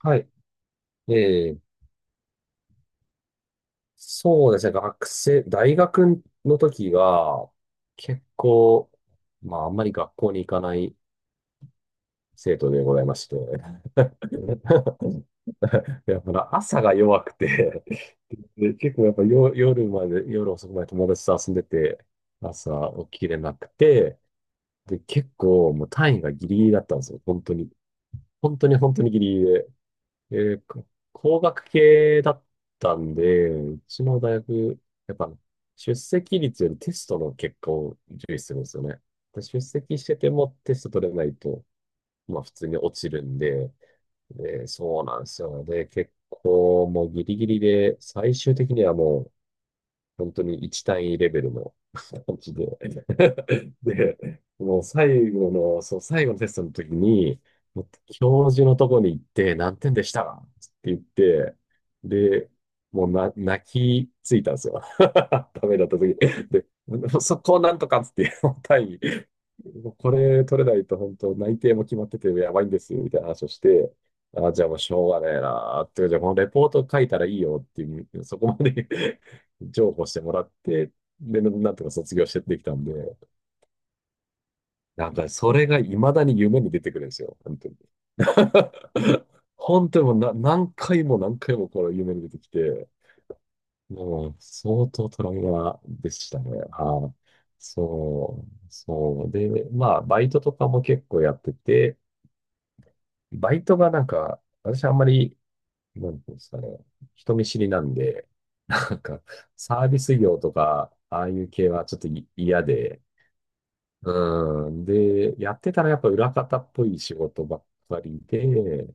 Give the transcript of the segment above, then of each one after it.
はい。ええ、そうですね。大学の時は、結構、まあ、あんまり学校に行かない生徒でございまして。やっぱ朝が弱くて。 で、結構やっぱ夜遅くまで友達と遊んでて、朝起きれなくて、で、結構もう単位がギリギリだったんですよ。本当に。本当に本当にギリギリ、えーこ工学系だったんで、うちの大学、やっぱ出席率よりテストの結果を重視するんですよね。で出席しててもテスト取れないと、まあ普通に落ちるんで、で、そうなんですよ。で、結構もうギリギリで、最終的にはもう本当に1単位レベルの形で。で、もう最後の、そう、最後のテストの時に、もう教授のとこに行って、何点でしたって言って、で、もう、泣きついたんですよ。ダメだった時に。で、そこをなんとかっつって、単位、もうこれ取れないと本当内定も決まっててやばいんですよ、みたいな話をして、あ、じゃあもうしょうがねえなーって、じゃあこのレポート書いたらいいよっていう、そこまで 譲歩してもらって、で、なんとか卒業してできたんで、なんかそれが未だに夢に出てくるんですよ、本当に。本当にもう何回も何回もこの夢に出てきて、もう相当トラウマでしたね。はい。そう、そう。で、まあ、バイトとかも結構やってて、バイトがなんか、私あんまり、なんていうんですかね、人見知りなんで、なんか、サービス業とか、ああいう系はちょっと嫌で、うん。で、やってたらやっぱ裏方っぽい仕事ばっかりで、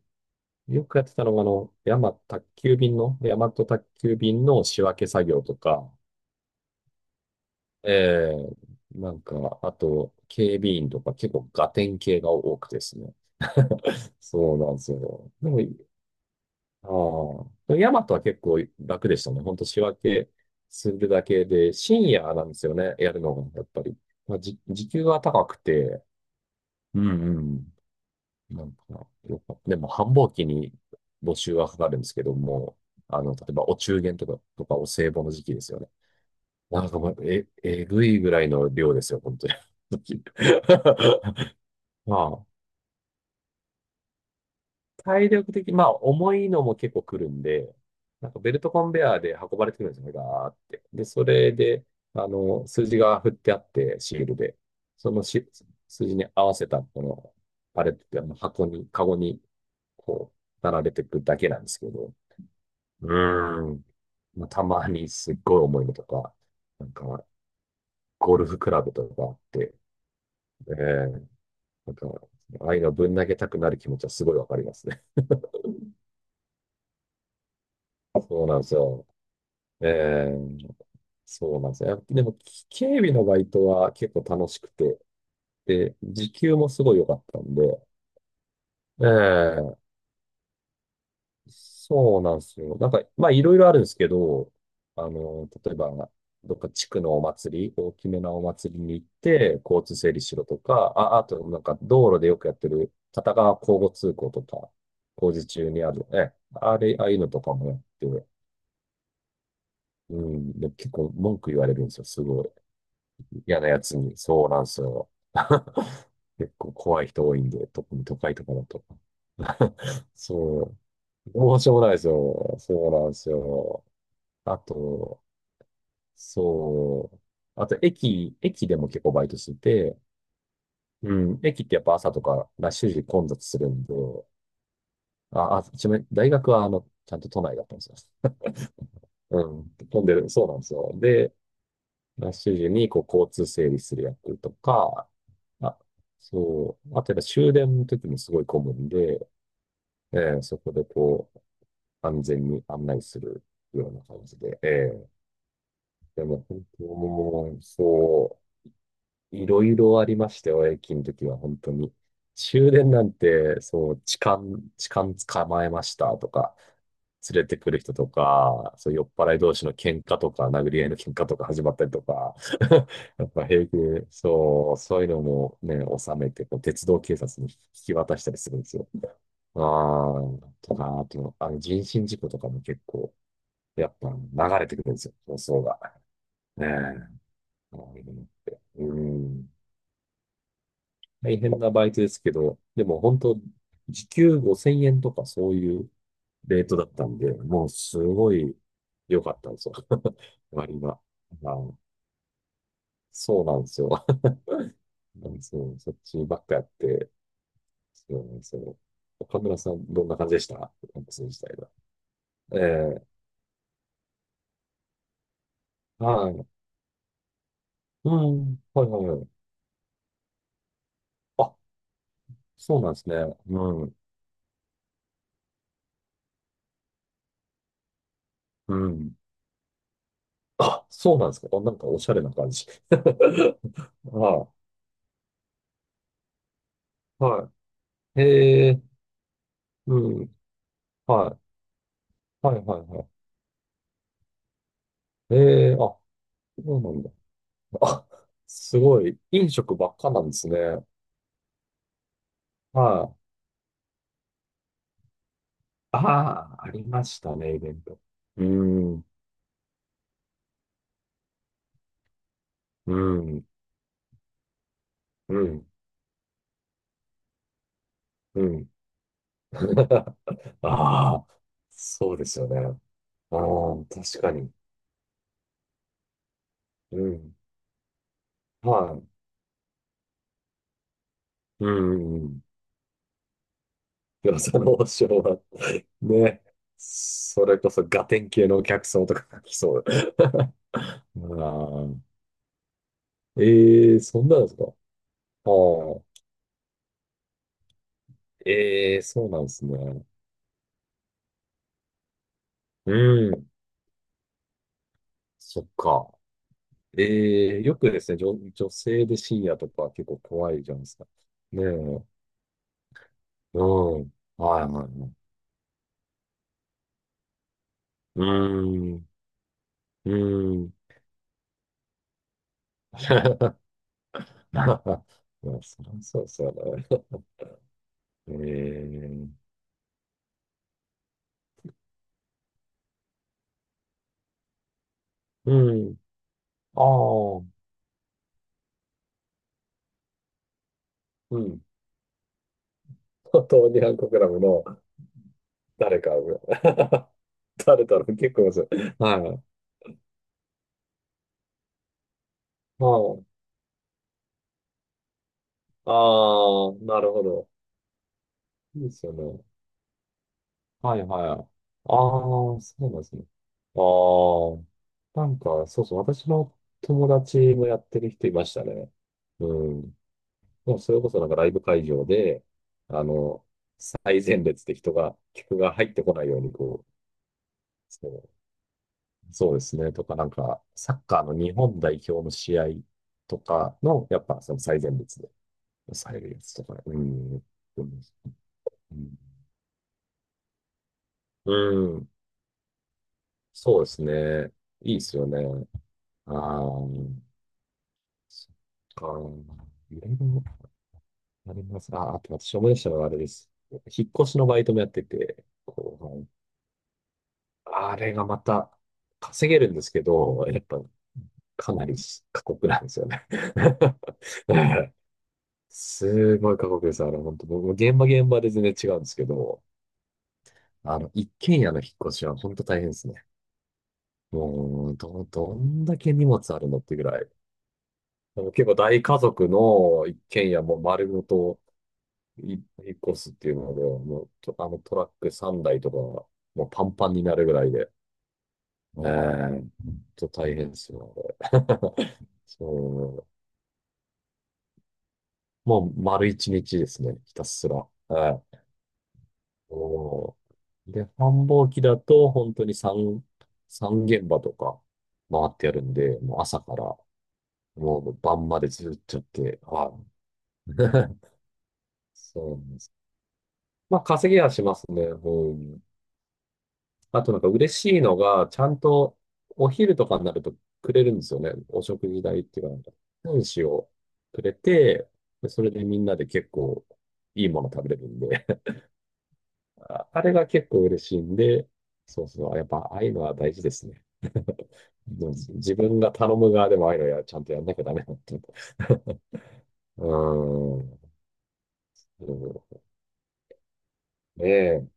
よくやってたのが、あの、宅急便の、ヤマト宅急便の仕分け作業とか、ええ。なんか、あと、警備員とか結構ガテン系が多くてですね。そうなんですよ。でも、ああ、でもヤマトは結構楽でしたね。ほんと仕分けするだけで、深夜なんですよね、やるのが、やっぱり。まあ、時給は高くて、うんうん。なんか、よかった。でも、繁忙期に募集はかかるんですけども、あの、例えば、お中元とか、お歳暮の時期ですよね。なんかもう、えぐいぐらいの量ですよ、本当に。まあ、体力的、まあ、重いのも結構来るんで、なんかベルトコンベアで運ばれてくるんですよね、ガーって。で、それで、あの、数字が振ってあって、シールで、その数字に合わせた、この、パレットって、あの箱に、カゴに、こう、並べていくだけなんですけど、うーん。まあ、たまにすっごい重いのとか、なんか、ゴルフクラブとかあって、ええ。なんか、ああいうのぶん投げたくなる気持ちはすごいわかりますね。そうなんですよ。ええ、そうなんですよ。でも、警備のバイトは結構楽しくて、で、時給もすごい良かったんで、ええ、そうなんですよ。なんか、まあ、いろいろあるんですけど、あの、例えば、どっか地区のお祭り、大きめなお祭りに行って、交通整理しろとか、あ、あと、なんか、道路でよくやってる、片側交互通行とか、工事中にある、え、あれ、ああいうのとかもやって、うん、で、結構文句言われるんですよ。すごい。嫌なやつに。そうなんですよ。結構怖い人多いんで、特に都会とかだと。そう。どうしようもないですよ。そうなんですよ。あと、そう。あと、駅でも結構バイトしてて、うん、駅ってやっぱ朝とかラッシュ時混雑するんで、一面、大学はあの、ちゃんと都内だったんですよ。うん、混んでる、そうなんですよ。で、ラッシュ時にこう交通整理する役とか、あ、そう、あとやっぱ終電の時もすごい混むんで、そこでこう、安全に案内するような感じで、ーでも本当、そう、いろいろありましたよ、駅の時は、本当に。終電なんて、そう、痴漢捕まえましたとか、連れてくる人とか、そう、酔っ払い同士の喧嘩とか、殴り合いの喧嘩とか始まったりとか、やっぱ平気で、そう、そういうのもね、収めて、こう鉄道警察に引き渡したりするんですよ。ああ、とか、あと、あの、人身事故とかも結構、やっぱ流れてくるんですよ、放送が。ねえ。ああいうのって、うん。大変なバイトですけど、でも本当、時給5000円とかそういうレートだったんで、もうすごい良かったんですよ。割が。あの、そうなんですよ。そう、そっちばっかやって、そうなんですよ。岡村さん、どんな感じでした時代は。ええ、はい。うん、はいはいはい。あ、そうなんですね。うん、うん。あ、そうなんですか。あ、なんかおしゃれな感じ。あ、はい。へえ、うん。はい。はいはいはい。ええ、あ、そうなんだ。あ、すごい。飲食ばっかなんですね。はい。ああ、ありましたね、イベント。うーん、うん、うん、うん。ああ、そうですよね。ああ、確かに。うん、はい。うん、うん。よさの王将は、ね。それこそガテン系のお客さんとかが来そう。ああ、ええ、そんなんですか？ああ。ええ、そうなんですね。うん、そっか。ええ、よくですね、女性で深夜とか結構怖いじゃないですか。ねえ、うん、はいはいはい。うーん、うーん。いや、そりゃそうそうね。ええ、うん、ああ、うん。当にゃ国クラブの誰か、誰だろう、結構です。はい。はい。ああ、なるほど。いいですよね。はいはい。ああ、そうなんですね。ああ、なんか、そうそう、私の友達もやってる人いましたね。うん。もうそれこそなんかライブ会場で、あの、最前列で客が入ってこないようにこう、そう、そうですね、とかなんか、サッカーの日本代表の試合とかの、やっぱその最前列で抑えるやつとかね、うん、うん、うん、そうですね。いいですよね。ああ、そっか。いろいろあります。あ、あと私思い出したのはあれです。引っ越しのバイトもやってて、こう、あれがまた稼げるんですけど、やっぱかなり過酷なんですよね。すごい過酷です。あれ、本当僕も現場現場で全然違うんですけど、あの、一軒家の引っ越しは本当大変ですね。もう、どんだけ荷物あるのってぐらい。でも結構大家族の一軒家も丸ごと、引っ越すっていうので、もうあのトラック3台とか、もうパンパンになるぐらいで、えーちょっと大変ですよ、あれ。 そう、もう丸一日ですね、ひたすら。はい。もうで、繁忙期だと、本当に3現場とか回ってやるんで、もう朝から、もう晩までずっとやって、はい。そうなんです。まあ、稼ぎはしますね。うん。あとなんか嬉しいのが、ちゃんとお昼とかになるとくれるんですよね。お食事代っていうか、なんか、分子をくれて、でそれでみんなで結構いいもの食べれるんで、ああれが結構嬉しいんで、そうそう、やっぱああいうのは大事ですね。うん、自分が頼む側でもああいうのや、ちゃんとやんなきゃダメだっていう。うーん。うん、ねえ、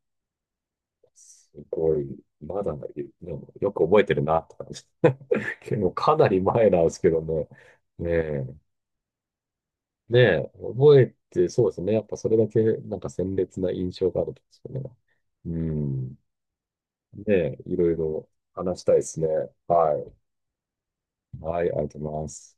すごい。まだい、でもよく覚えてるなとか、もうかなり前なんですけどね。ねえ。ねえ、覚えて、そうですね。やっぱそれだけ、なんか鮮烈な印象があるんですよね。うん。ねえ、いろいろ話したいですね。はい。はい、ありがとうございます。